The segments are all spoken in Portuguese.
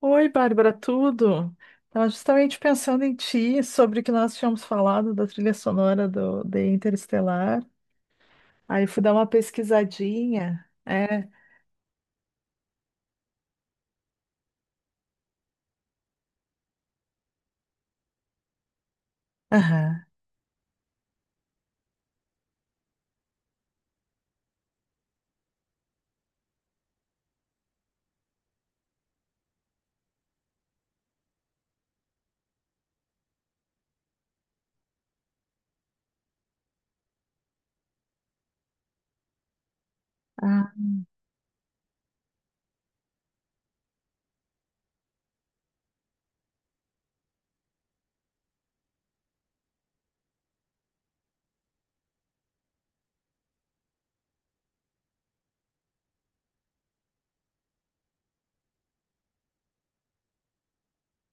Oi, Bárbara, tudo? Estava justamente pensando em ti, sobre o que nós tínhamos falado da trilha sonora de Interestelar. Aí fui dar uma pesquisadinha. É. Aham. Ah,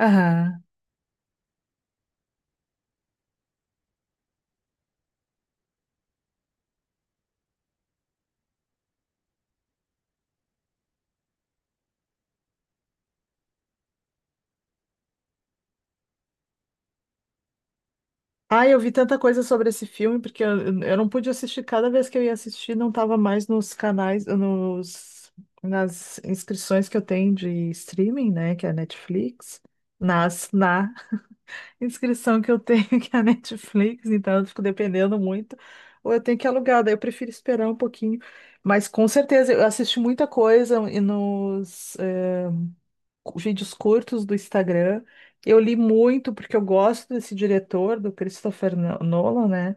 aham. Ah, eu vi tanta coisa sobre esse filme, porque eu não pude assistir. Cada vez que eu ia assistir, não estava mais nos canais, nas inscrições que eu tenho de streaming, né? Que é a Netflix. Na inscrição que eu tenho, que é a Netflix, então eu fico dependendo muito, ou eu tenho que alugar, daí eu prefiro esperar um pouquinho. Mas com certeza, eu assisti muita coisa e nos vídeos curtos do Instagram. Eu li muito, porque eu gosto desse diretor, do Christopher Nolan, né?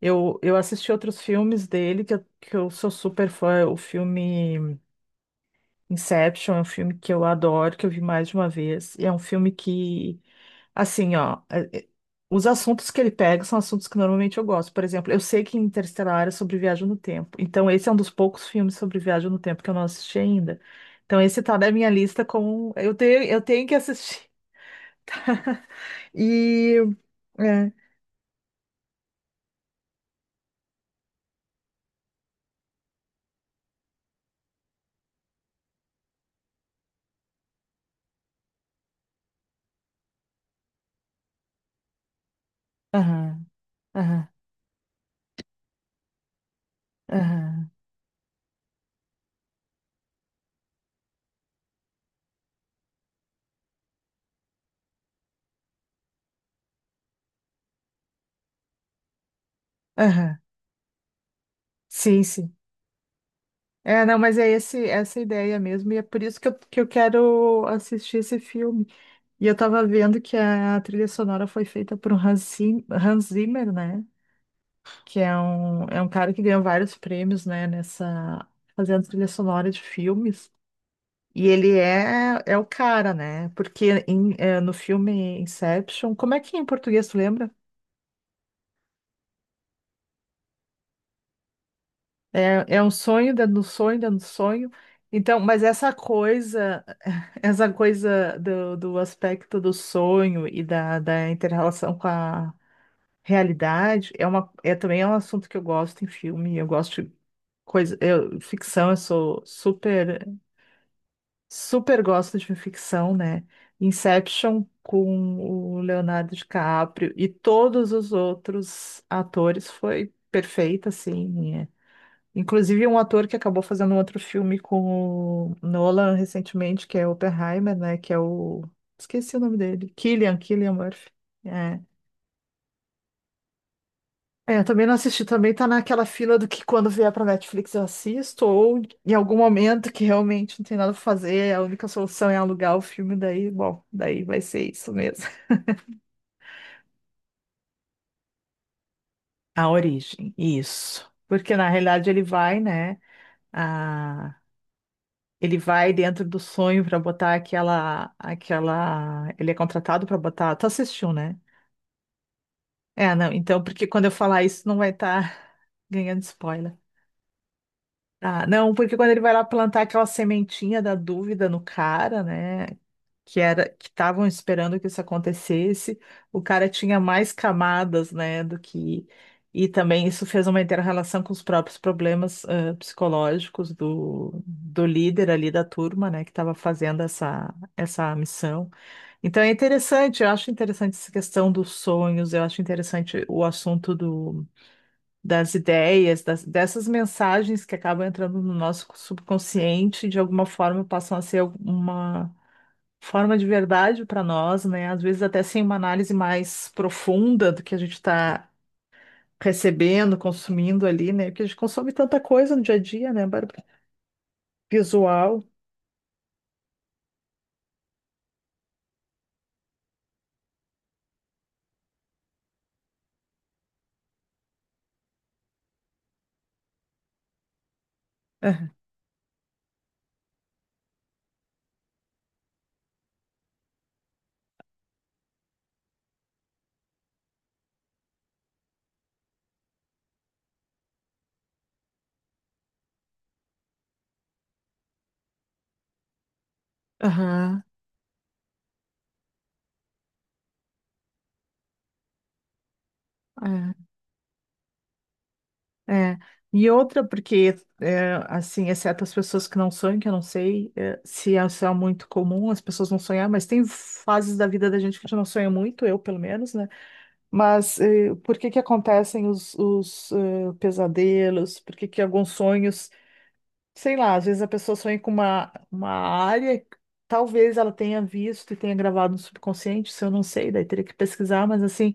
Eu assisti outros filmes dele, que eu sou super fã, o filme. Inception é um filme que eu adoro, que eu vi mais de uma vez. E é um filme que, assim, ó, os assuntos que ele pega são assuntos que normalmente eu gosto. Por exemplo, eu sei que Interestelar é sobre viagem no tempo. Então, esse é um dos poucos filmes sobre viagem no tempo que eu não assisti ainda. Então, esse tá na minha lista como eu tenho que assistir. E. É. Aham, aham, aham, aham. Sim, sim. É, não, mas é esse, essa ideia mesmo, e é por isso que que eu quero assistir esse filme. E eu tava vendo que a trilha sonora foi feita por um Hans Zimmer, né? É um cara que ganhou vários prêmios, né? Nessa, fazendo trilha sonora de filmes. E ele é o cara, né? Porque no filme Inception, como é que é em português, tu lembra? É um sonho dentro do sonho dentro do sonho. Então, mas essa coisa, essa coisa do aspecto do sonho e da inter-relação com a realidade é uma é também é um assunto que eu gosto em filme, eu gosto de coisa, eu, ficção, eu sou super super gosto de ficção, né? Inception com o Leonardo DiCaprio e todos os outros atores foi perfeita, assim. É. Inclusive um ator que acabou fazendo um outro filme com o Nolan recentemente, que é Oppenheimer, né? Que é o esqueci o nome dele, Killian Murphy. É. É, eu também não assisti, também tá naquela fila do que quando vier pra Netflix eu assisto, ou em algum momento que realmente não tem nada pra fazer, é a única solução é alugar o filme, daí, bom, daí vai ser isso mesmo. A origem, isso. Porque na realidade ele vai, né, a... ele vai dentro do sonho pra botar ele é contratado pra botar, tu assistiu, né? É, não, então, porque quando eu falar isso não vai estar ganhando spoiler. Ah, não, porque quando ele vai lá plantar aquela sementinha da dúvida no cara, né? Que era que estavam esperando que isso acontecesse, o cara tinha mais camadas, né, do que e também isso fez uma inter-relação com os próprios problemas psicológicos do líder ali da turma, né, que estava fazendo essa missão. Então é interessante, eu acho interessante essa questão dos sonhos, eu acho interessante o assunto do dessas mensagens que acabam entrando no nosso subconsciente, de alguma forma passam a ser uma forma de verdade para nós, né? Às vezes até sem uma análise mais profunda do que a gente está recebendo, consumindo ali, né? Porque a gente consome tanta coisa no dia a dia, né, Bárbara? Visual. Aham, é. E outra, porque, é, assim, exceto as pessoas que não sonham, que eu não sei, se é muito comum as pessoas não sonhar, mas tem fases da vida da gente que a gente não sonha muito, eu pelo menos, né? Mas é, por que que acontecem pesadelos? Por que que alguns sonhos, sei lá, às vezes a pessoa sonha com uma área, que talvez ela tenha visto e tenha gravado no subconsciente, isso eu não sei, daí teria que pesquisar, mas assim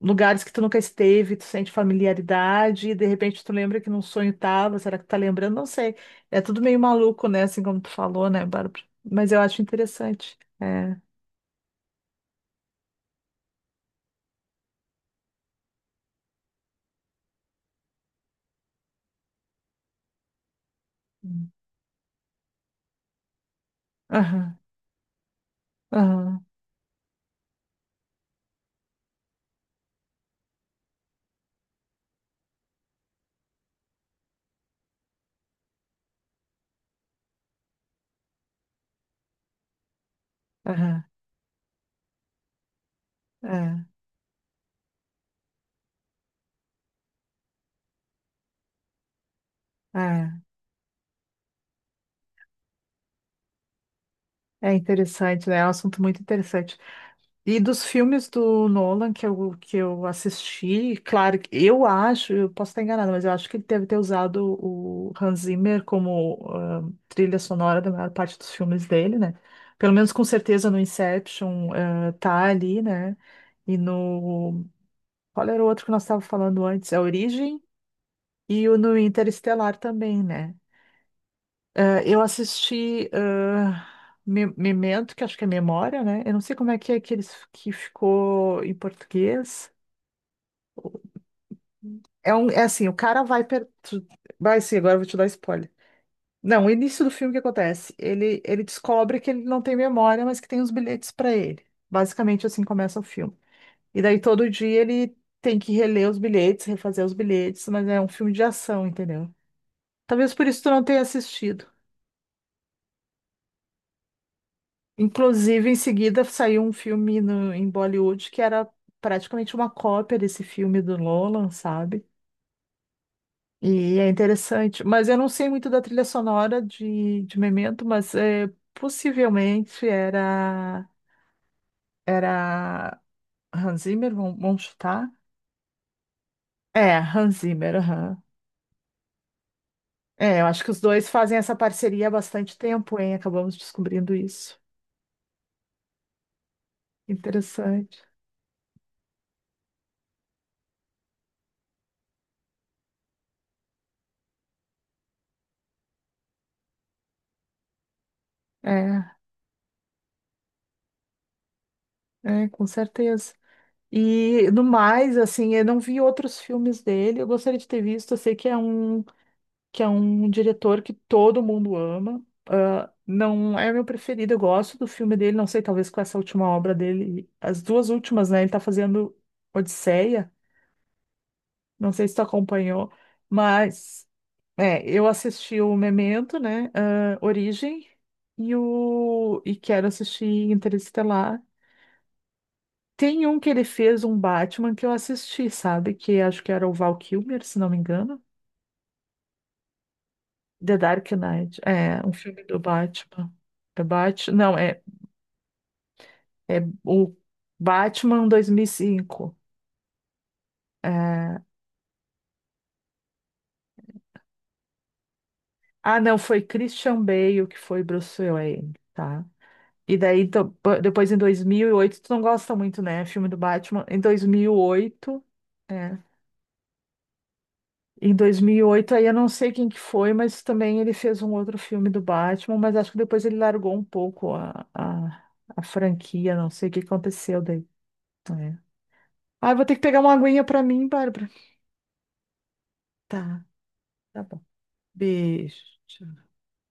lugares que tu nunca esteve, tu sente familiaridade, e de repente tu lembra que num sonho tava, será que tu tá lembrando? Não sei. É tudo meio maluco, né? Assim como tu falou, né, Bárbara? Mas eu acho interessante. É. Aham, aham, aham. É, é. É interessante, né? É um assunto muito interessante. E dos filmes do Nolan que eu assisti, claro, que eu acho, eu posso estar enganada, mas eu acho que ele deve ter usado o Hans Zimmer como trilha sonora da maior parte dos filmes dele, né? Pelo menos com certeza no Inception tá ali, né? E no. Qual era o outro que nós estávamos falando antes? A Origem e o no Interestelar também, né? Eu assisti Memento, que acho que é Memória, né? Eu não sei como é que eles que ficou em português. É assim, o cara vai per... vai sim, agora eu vou te dar spoiler. Não, o início do filme o que acontece? Ele descobre que ele não tem memória, mas que tem os bilhetes para ele. Basicamente assim começa o filme. E daí todo dia ele tem que reler os bilhetes, refazer os bilhetes, mas é um filme de ação, entendeu? Talvez por isso tu não tenha assistido. Inclusive, em seguida saiu um filme em Bollywood que era praticamente uma cópia desse filme do Nolan, sabe? E é interessante. Mas eu não sei muito da trilha sonora de Memento, mas é, possivelmente era, era Hans Zimmer, vamos chutar? É, Hans Zimmer, aham. É, eu acho que os dois fazem essa parceria há bastante tempo, hein? Acabamos descobrindo isso. Interessante. É, é, com certeza. E no mais, assim, eu não vi outros filmes dele. Eu gostaria de ter visto. Eu sei que é que é um diretor que todo mundo ama. Ah, não é meu preferido. Eu gosto do filme dele. Não sei, talvez com essa última obra dele, as duas últimas, né? Ele tá fazendo Odisseia. Não sei se tu acompanhou, mas é, eu assisti o Memento, né? Origem e quero assistir Interestelar. Tem um que ele fez um Batman que eu assisti, sabe? Que acho que era o Val Kilmer, se não me engano. The Dark Knight. É, um filme do Batman. É Batman. Não, é, é o Batman 2005. É... Ah, não, foi Christian Bale que foi Bruce Wayne, tá? E daí, então, depois em 2008, tu não gosta muito, né? Filme do Batman. Em 2008. Em 2008, aí eu não sei quem que foi, mas também ele fez um outro filme do Batman, mas acho que depois ele largou um pouco a franquia, não sei o que aconteceu daí. É. Ah, eu vou ter que pegar uma aguinha pra mim, Bárbara. Tá, tá bom. Beijo. Tchau.